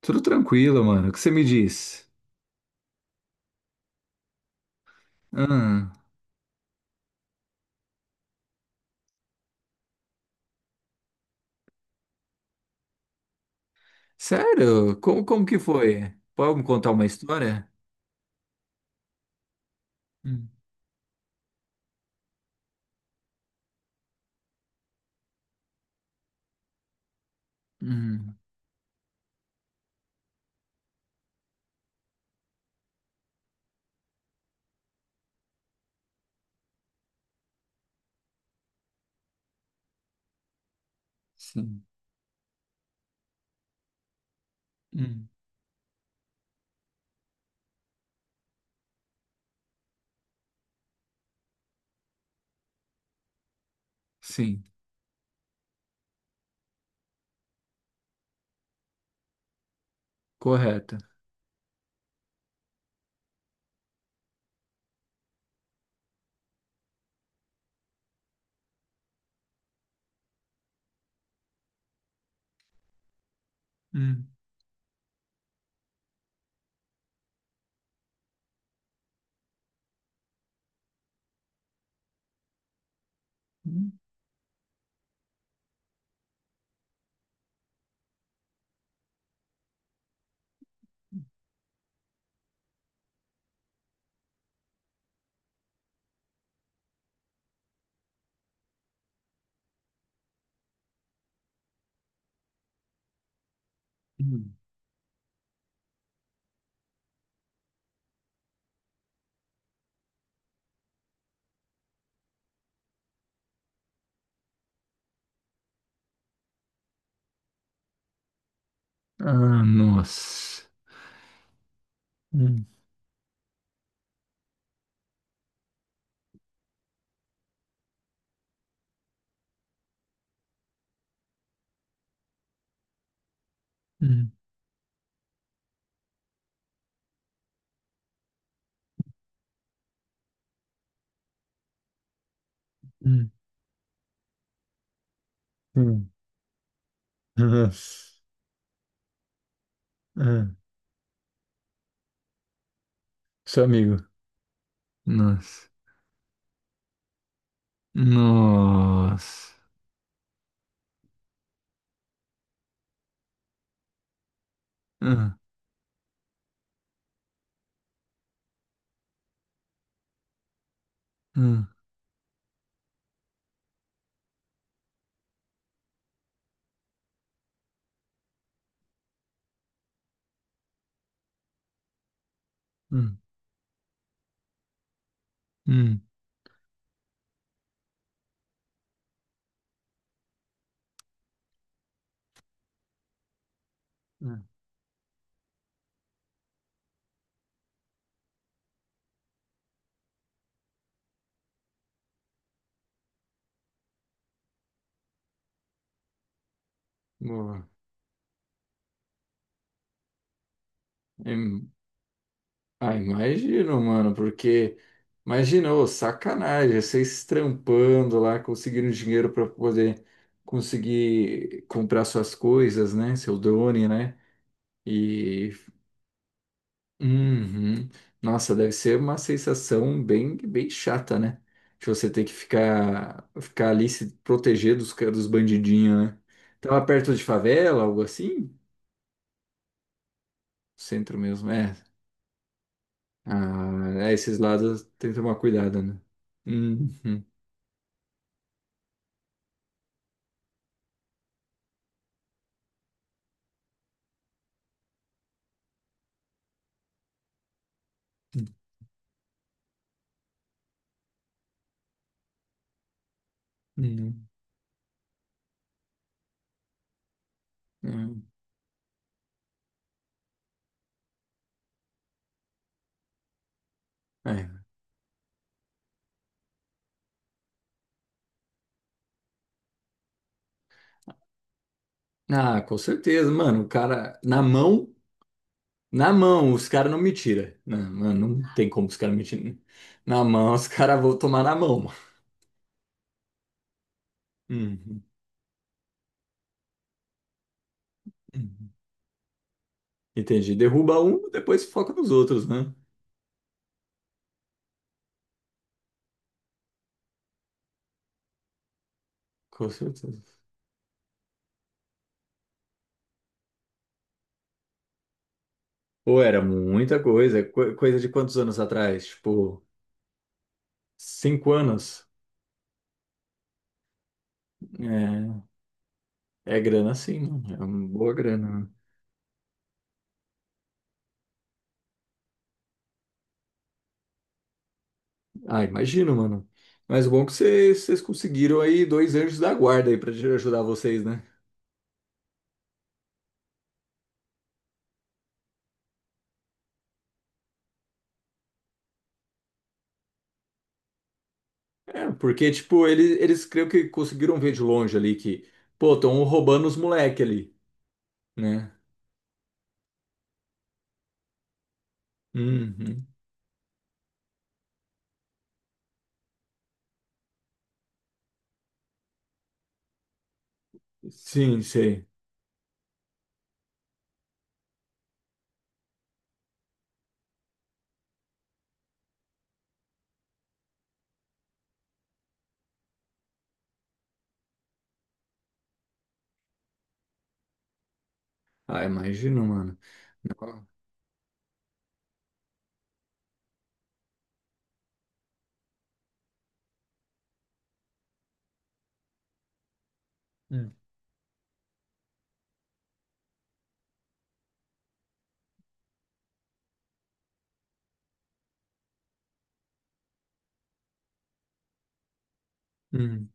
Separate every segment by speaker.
Speaker 1: Tudo tranquilo, mano. O que você me diz? Ah, sério? Como que foi? Pode me contar uma história? Hum, hum, sim. Hum, sim. Correta. Hum, hum, hum. Ah, nossa. Hum, hum, hum, hum. Nossa. Ah, seu amigo. Nossa. Nossa. Ah, ah, ah, hum. Ah, boa. Hum. Ah, imagino, mano, porque imagina, ô, sacanagem, vocês trampando lá, conseguindo dinheiro para poder conseguir comprar suas coisas, né? Seu drone, né? E uhum. Nossa, deve ser uma sensação bem, bem chata, né? De você ter que ficar ali se proteger dos dos bandidinhos, né? Tava perto de favela, algo assim? Centro mesmo, é. Ah, é, esses lados tem que tomar cuidado, né? Uhum. Uhum. Uhum. É. Ah, com certeza, mano. O cara, na mão, os caras não me tiram. Não, mano, não tem como os caras me tirar. Na mão, os caras vão tomar na mão, mano. Uhum. Uhum. Entendi. Derruba um, depois foca nos outros, né? Com certeza. Pô, era muita coisa. Coisa de quantos anos atrás? Tipo, 5 anos. É, é grana sim, mano. É uma boa grana, né? Ah, imagino, mano. Mas bom é que vocês conseguiram aí dois anjos da guarda aí pra te ajudar vocês, né? É, porque, tipo, eles creio que conseguiram ver de longe ali que, pô, estão roubando os moleque ali, né? Uhum. Sim, sei. Ah, imagino, mano. Hum. Hum.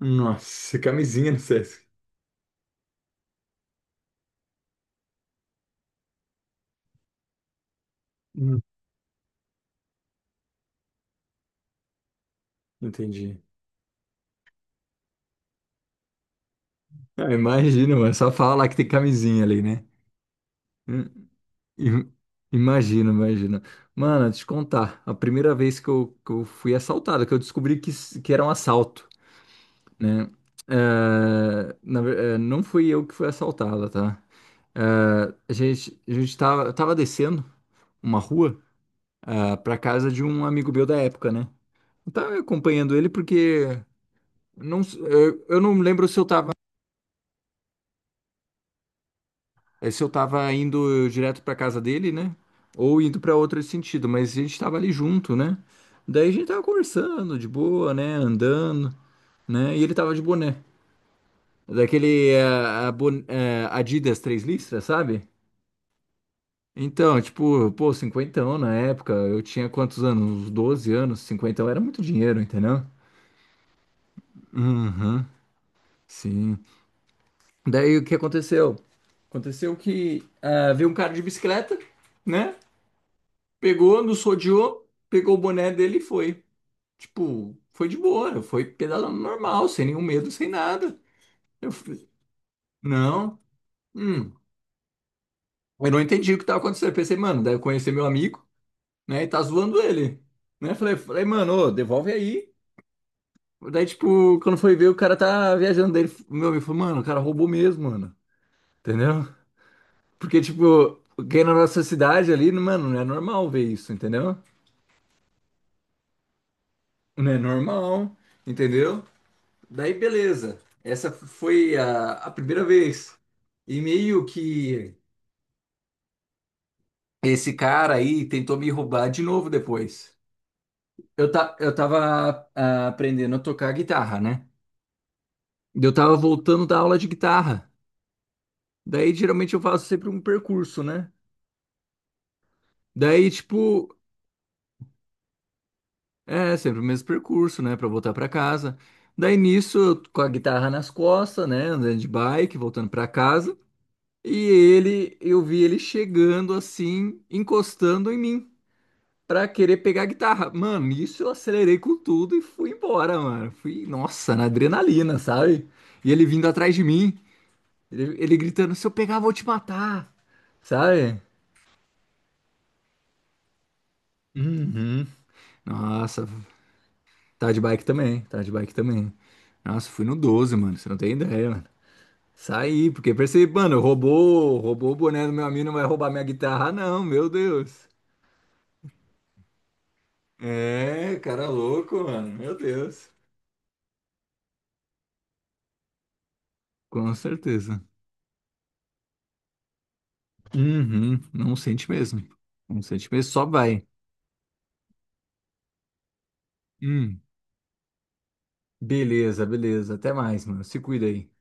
Speaker 1: Nossa, camisinha no Sesc. Hum. Entendi. Ah, imagino, mano. Só fala lá que tem camisinha ali, né? Hum. Im- Imagino, imagino. Mano, te contar, a primeira vez que eu fui assaltado, que eu descobri que era um assalto, né? Não fui eu que fui assaltado, tá? Eu tava descendo uma rua, ah, pra casa de um amigo meu da época, né? Eu tava acompanhando ele porque não, eu não lembro se eu tava indo direto pra casa dele, né? Ou indo pra outro sentido, mas a gente tava ali junto, né? Daí a gente tava conversando de boa, né? Andando, né? E ele tava de boné. Daquele Adidas três listras, sabe? Então, tipo, pô, cinquentão na época, eu tinha quantos anos? Uns 12 anos, cinquentão era muito dinheiro, entendeu? Uhum, sim. Daí o que aconteceu? Aconteceu que ah, veio um cara de bicicleta, né? Pegou, nos rodeou, pegou o boné dele e foi. Tipo, foi de boa, foi pedalando normal, sem nenhum medo, sem nada. Eu falei, não, hum. Eu não entendi o que tava acontecendo. Eu pensei, mano, deve conhecer meu amigo, né? E tá zoando ele, né? Falei, mano, ô, devolve aí. Daí, tipo, quando foi ver, o cara tá viajando dele. Meu amigo falou, mano, o cara roubou mesmo, mano. Entendeu? Porque, tipo, quem é na nossa cidade ali, mano, não é normal ver isso, entendeu? Não é normal, entendeu? Daí, beleza. Essa foi a primeira vez. E meio que esse cara aí tentou me roubar de novo depois. Eu tava ah, aprendendo a tocar guitarra, né? Eu tava voltando da aula de guitarra. Daí, geralmente, eu faço sempre um percurso, né? Daí, tipo, é sempre o mesmo percurso, né? Pra voltar pra casa. Daí, nisso, eu com a guitarra nas costas, né? Andando de bike, voltando pra casa. Eu vi ele chegando assim, encostando em mim, pra querer pegar a guitarra. Mano, isso eu acelerei com tudo e fui embora, mano. Fui, nossa, na adrenalina, sabe? E ele vindo atrás de mim, ele gritando: se eu pegar, eu vou te matar, sabe? Uhum. Nossa, tá de bike também, tá de bike também. Nossa, fui no 12, mano, você não tem ideia, mano. Saí, porque percebi, mano, roubou o boné do meu amigo, não vai roubar minha guitarra, não, meu Deus. É, cara louco, mano, meu Deus. Com certeza. Uhum, não sente mesmo. Não sente mesmo, só vai. Hum, beleza, beleza. Até mais, mano. Se cuida aí.